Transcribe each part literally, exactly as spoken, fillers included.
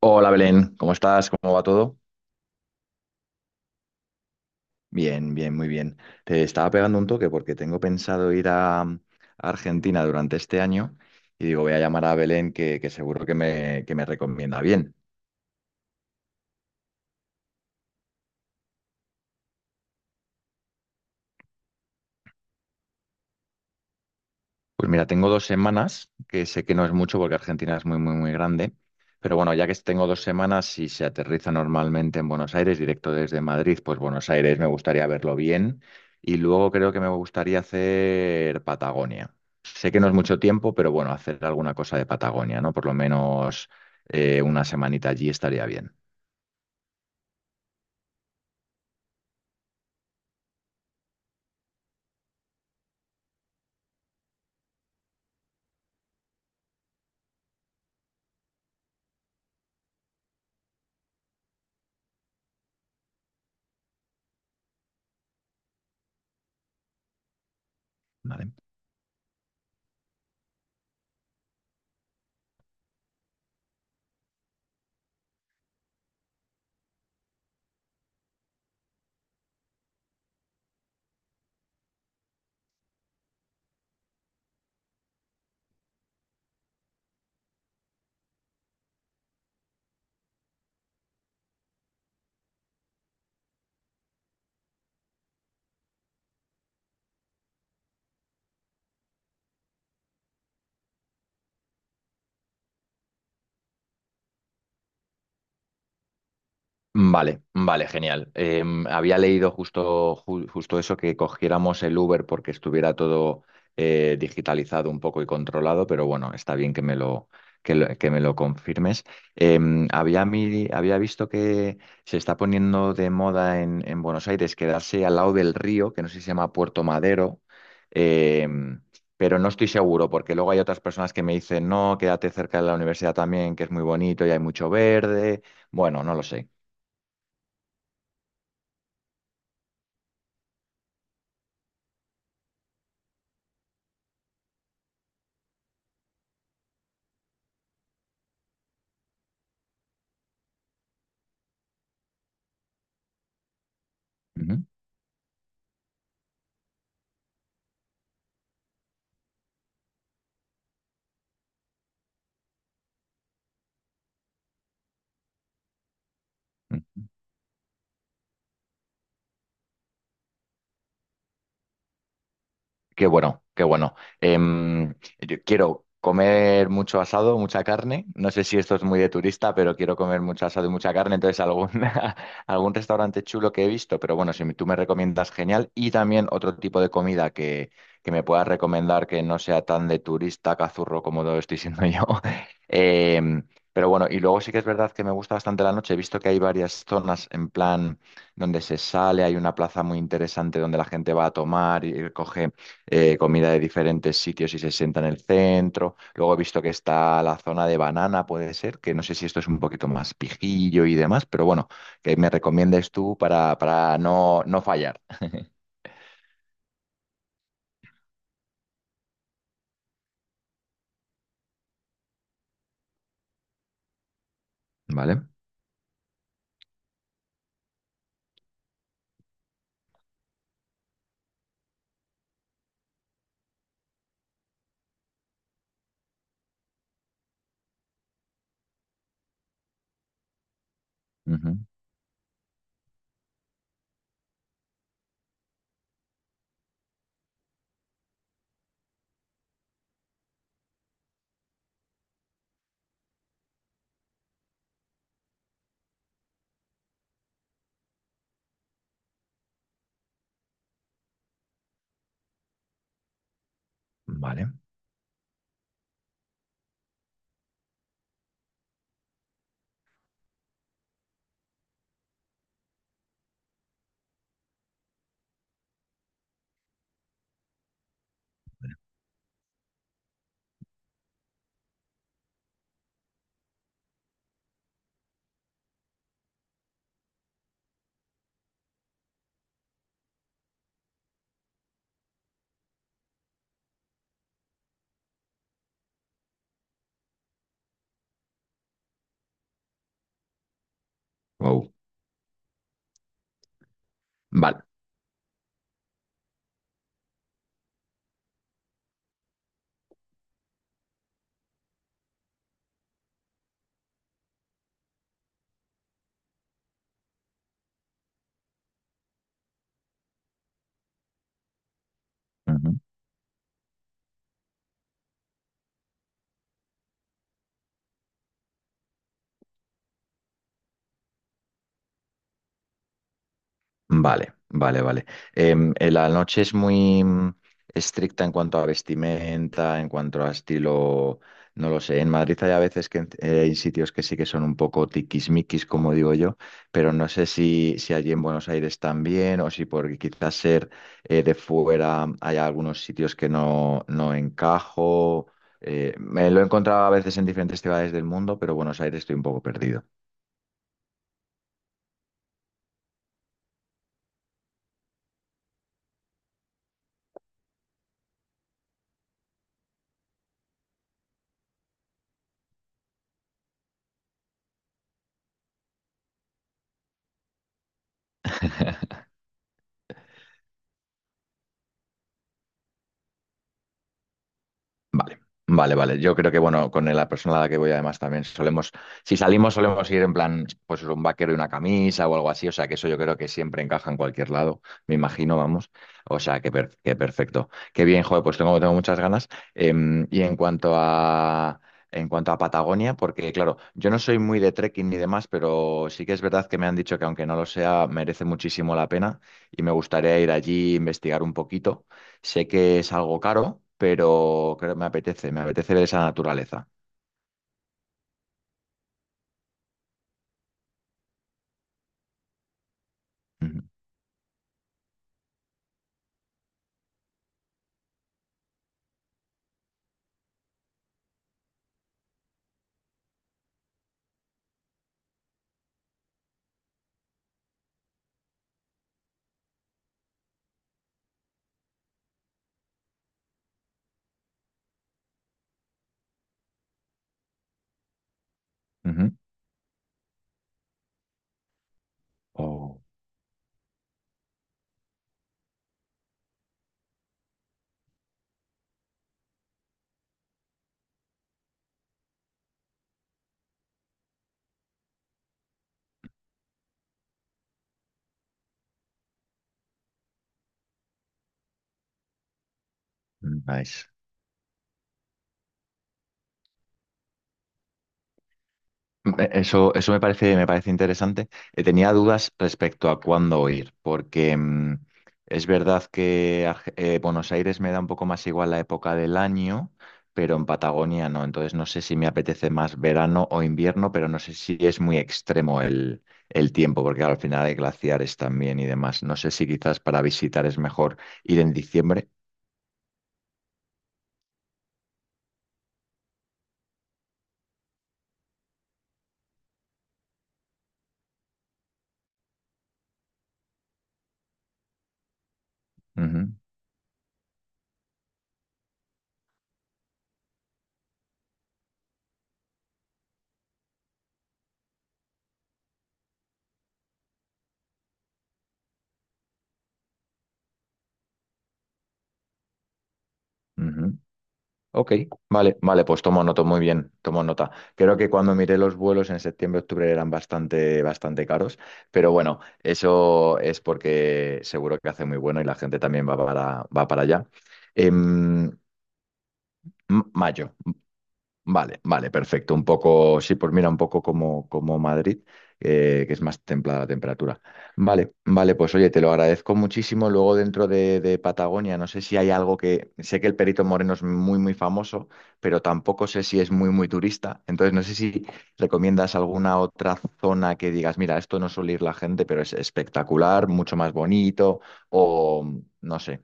Hola Belén, ¿cómo estás? ¿Cómo va todo? Bien, bien, muy bien. Te estaba pegando un toque porque tengo pensado ir a, a Argentina durante este año y digo, voy a llamar a Belén que, que seguro que me, que me recomienda bien. Pues mira, tengo dos semanas, que sé que no es mucho porque Argentina es muy, muy, muy grande, pero bueno, ya que tengo dos semanas, y se aterriza normalmente en Buenos Aires, directo desde Madrid, pues Buenos Aires me gustaría verlo bien y luego creo que me gustaría hacer Patagonia. Sé que no es mucho tiempo, pero bueno, hacer alguna cosa de Patagonia, ¿no? Por lo menos eh, una semanita allí estaría bien. ¿Vale? Vale, vale, genial. Em, había leído justo, ju- justo eso, que cogiéramos el Uber porque estuviera todo eh, digitalizado un poco y controlado, pero bueno, está bien que me lo, que lo- que me lo confirmes. Em, había, mi- había visto que se está poniendo de moda en, en Buenos Aires quedarse al lado del río, que no sé si se llama Puerto Madero, em, pero no estoy seguro porque luego hay otras personas que me dicen, no, quédate cerca de la universidad también, que es muy bonito y hay mucho verde. Bueno, no lo sé. Ujú, ujú. Qué bueno, qué bueno. Em, yo quiero comer mucho asado, mucha carne. No sé si esto es muy de turista, pero quiero comer mucho asado y mucha carne. Entonces, algún, algún restaurante chulo que he visto, pero bueno, si tú me recomiendas, genial. Y también otro tipo de comida que, que me puedas recomendar que no sea tan de turista, cazurro como lo estoy siendo yo. Em, pero bueno, y luego sí que es verdad que me gusta bastante la noche. He visto que hay varias zonas en plan donde se sale, hay una plaza muy interesante donde la gente va a tomar y coge eh, comida de diferentes sitios y se sienta en el centro. Luego he visto que está la zona de banana, puede ser, que no sé si esto es un poquito más pijillo y demás, pero bueno, que me recomiendes tú para, para no, no fallar. ¿Vale? Ujú. Vale. Wow. Vale. Vale, vale, vale. Em, eh, la noche es muy mm, estricta en cuanto a vestimenta, en cuanto a estilo, no lo sé. En Madrid hay a veces que en- eh, hay sitios que sí que son un poco tiquismiquis, como digo yo, pero no sé si, si allí en Buenos Aires también o si por quizás ser eh, de fuera hay algunos sitios que no, no encajo. Eh, me lo he encontrado a veces en diferentes ciudades del mundo, pero Buenos Aires estoy un poco perdido. Vale, vale, vale. Yo creo que, bueno, con la persona a la que voy además también solemos, si salimos solemos ir en plan, pues un vaquero y una camisa o algo así, o sea que eso yo creo que siempre encaja en cualquier lado, me imagino, vamos. O sea que, per- que perfecto. Qué bien, joder, pues tengo, tengo muchas ganas. Em, y en cuanto a... En cuanto a Patagonia, porque claro, yo no soy muy de trekking ni demás, pero sí que es verdad que me han dicho que aunque no lo sea, merece muchísimo la pena y me gustaría ir allí, investigar un poquito. Sé que es algo caro, pero creo que me apetece, me apetece ver esa naturaleza. Ujú, ujú. Oh, nice. Me- Eso, eso me parece, me parece interesante. Eh, tenía dudas respecto a cuándo ir, porque mm, es verdad que Arge- eh, Buenos Aires me da un poco más igual la época del año, pero en Patagonia no. Entonces no sé si me apetece más verano o invierno, pero no sé si es muy extremo el, el tiempo, porque claro, al final hay glaciares también y demás. No sé si quizás para visitar es mejor ir en diciembre. Ujú, ujú. Ok, vale, vale, pues tomo nota, muy bien, tomo nota. Creo que cuando miré los vuelos en septiembre, octubre eran bastante, bastante caros, pero bueno, eso es porque seguro que hace muy bueno y la gente también va para, va para allá. Em, m- Mayo. Vale, vale, perfecto. Un poco, sí, pues mira, un poco como, como Madrid, eh, que es más templada la temperatura. Vale, vale, pues oye, te lo agradezco muchísimo. Luego dentro de, de Patagonia, no sé si hay algo que, sé que el Perito Moreno es muy, muy famoso, pero tampoco sé si es muy, muy turista. Entonces, no sé si recomiendas alguna otra zona que digas, mira, esto no suele ir la gente, pero es espectacular, mucho más bonito, o no sé.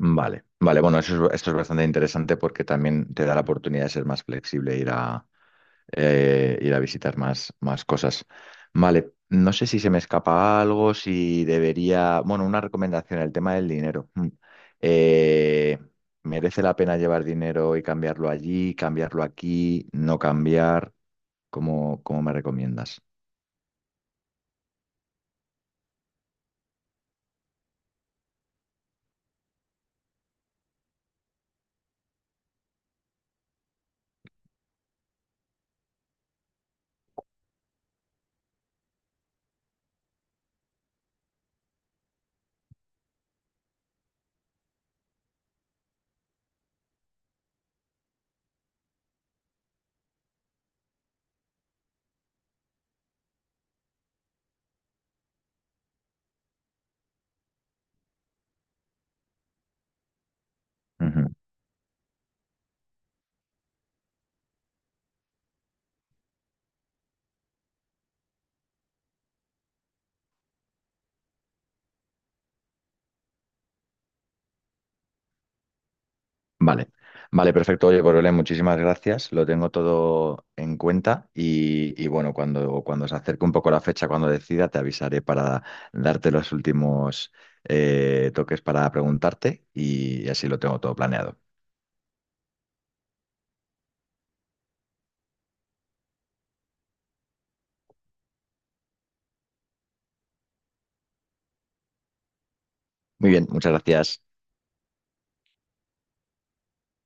Vale, vale, bueno, eso es, esto es bastante interesante porque también te da la oportunidad de ser más flexible, e ir a, eh, ir a visitar más, más cosas. Vale, no sé si se me escapa algo, si debería, bueno, una recomendación, el tema del dinero. Mm. Eh, ¿merece la pena llevar dinero y cambiarlo allí, cambiarlo aquí, no cambiar? ¿Cómo, cómo me recomiendas? Vale, vale, perfecto. Oye, pues Belén, muchísimas gracias. Lo tengo todo en cuenta y, y bueno, cuando, cuando se acerque un poco la fecha, cuando decida, te avisaré para darte los últimos eh, toques para preguntarte y así lo tengo todo planeado. Muy bien, muchas gracias.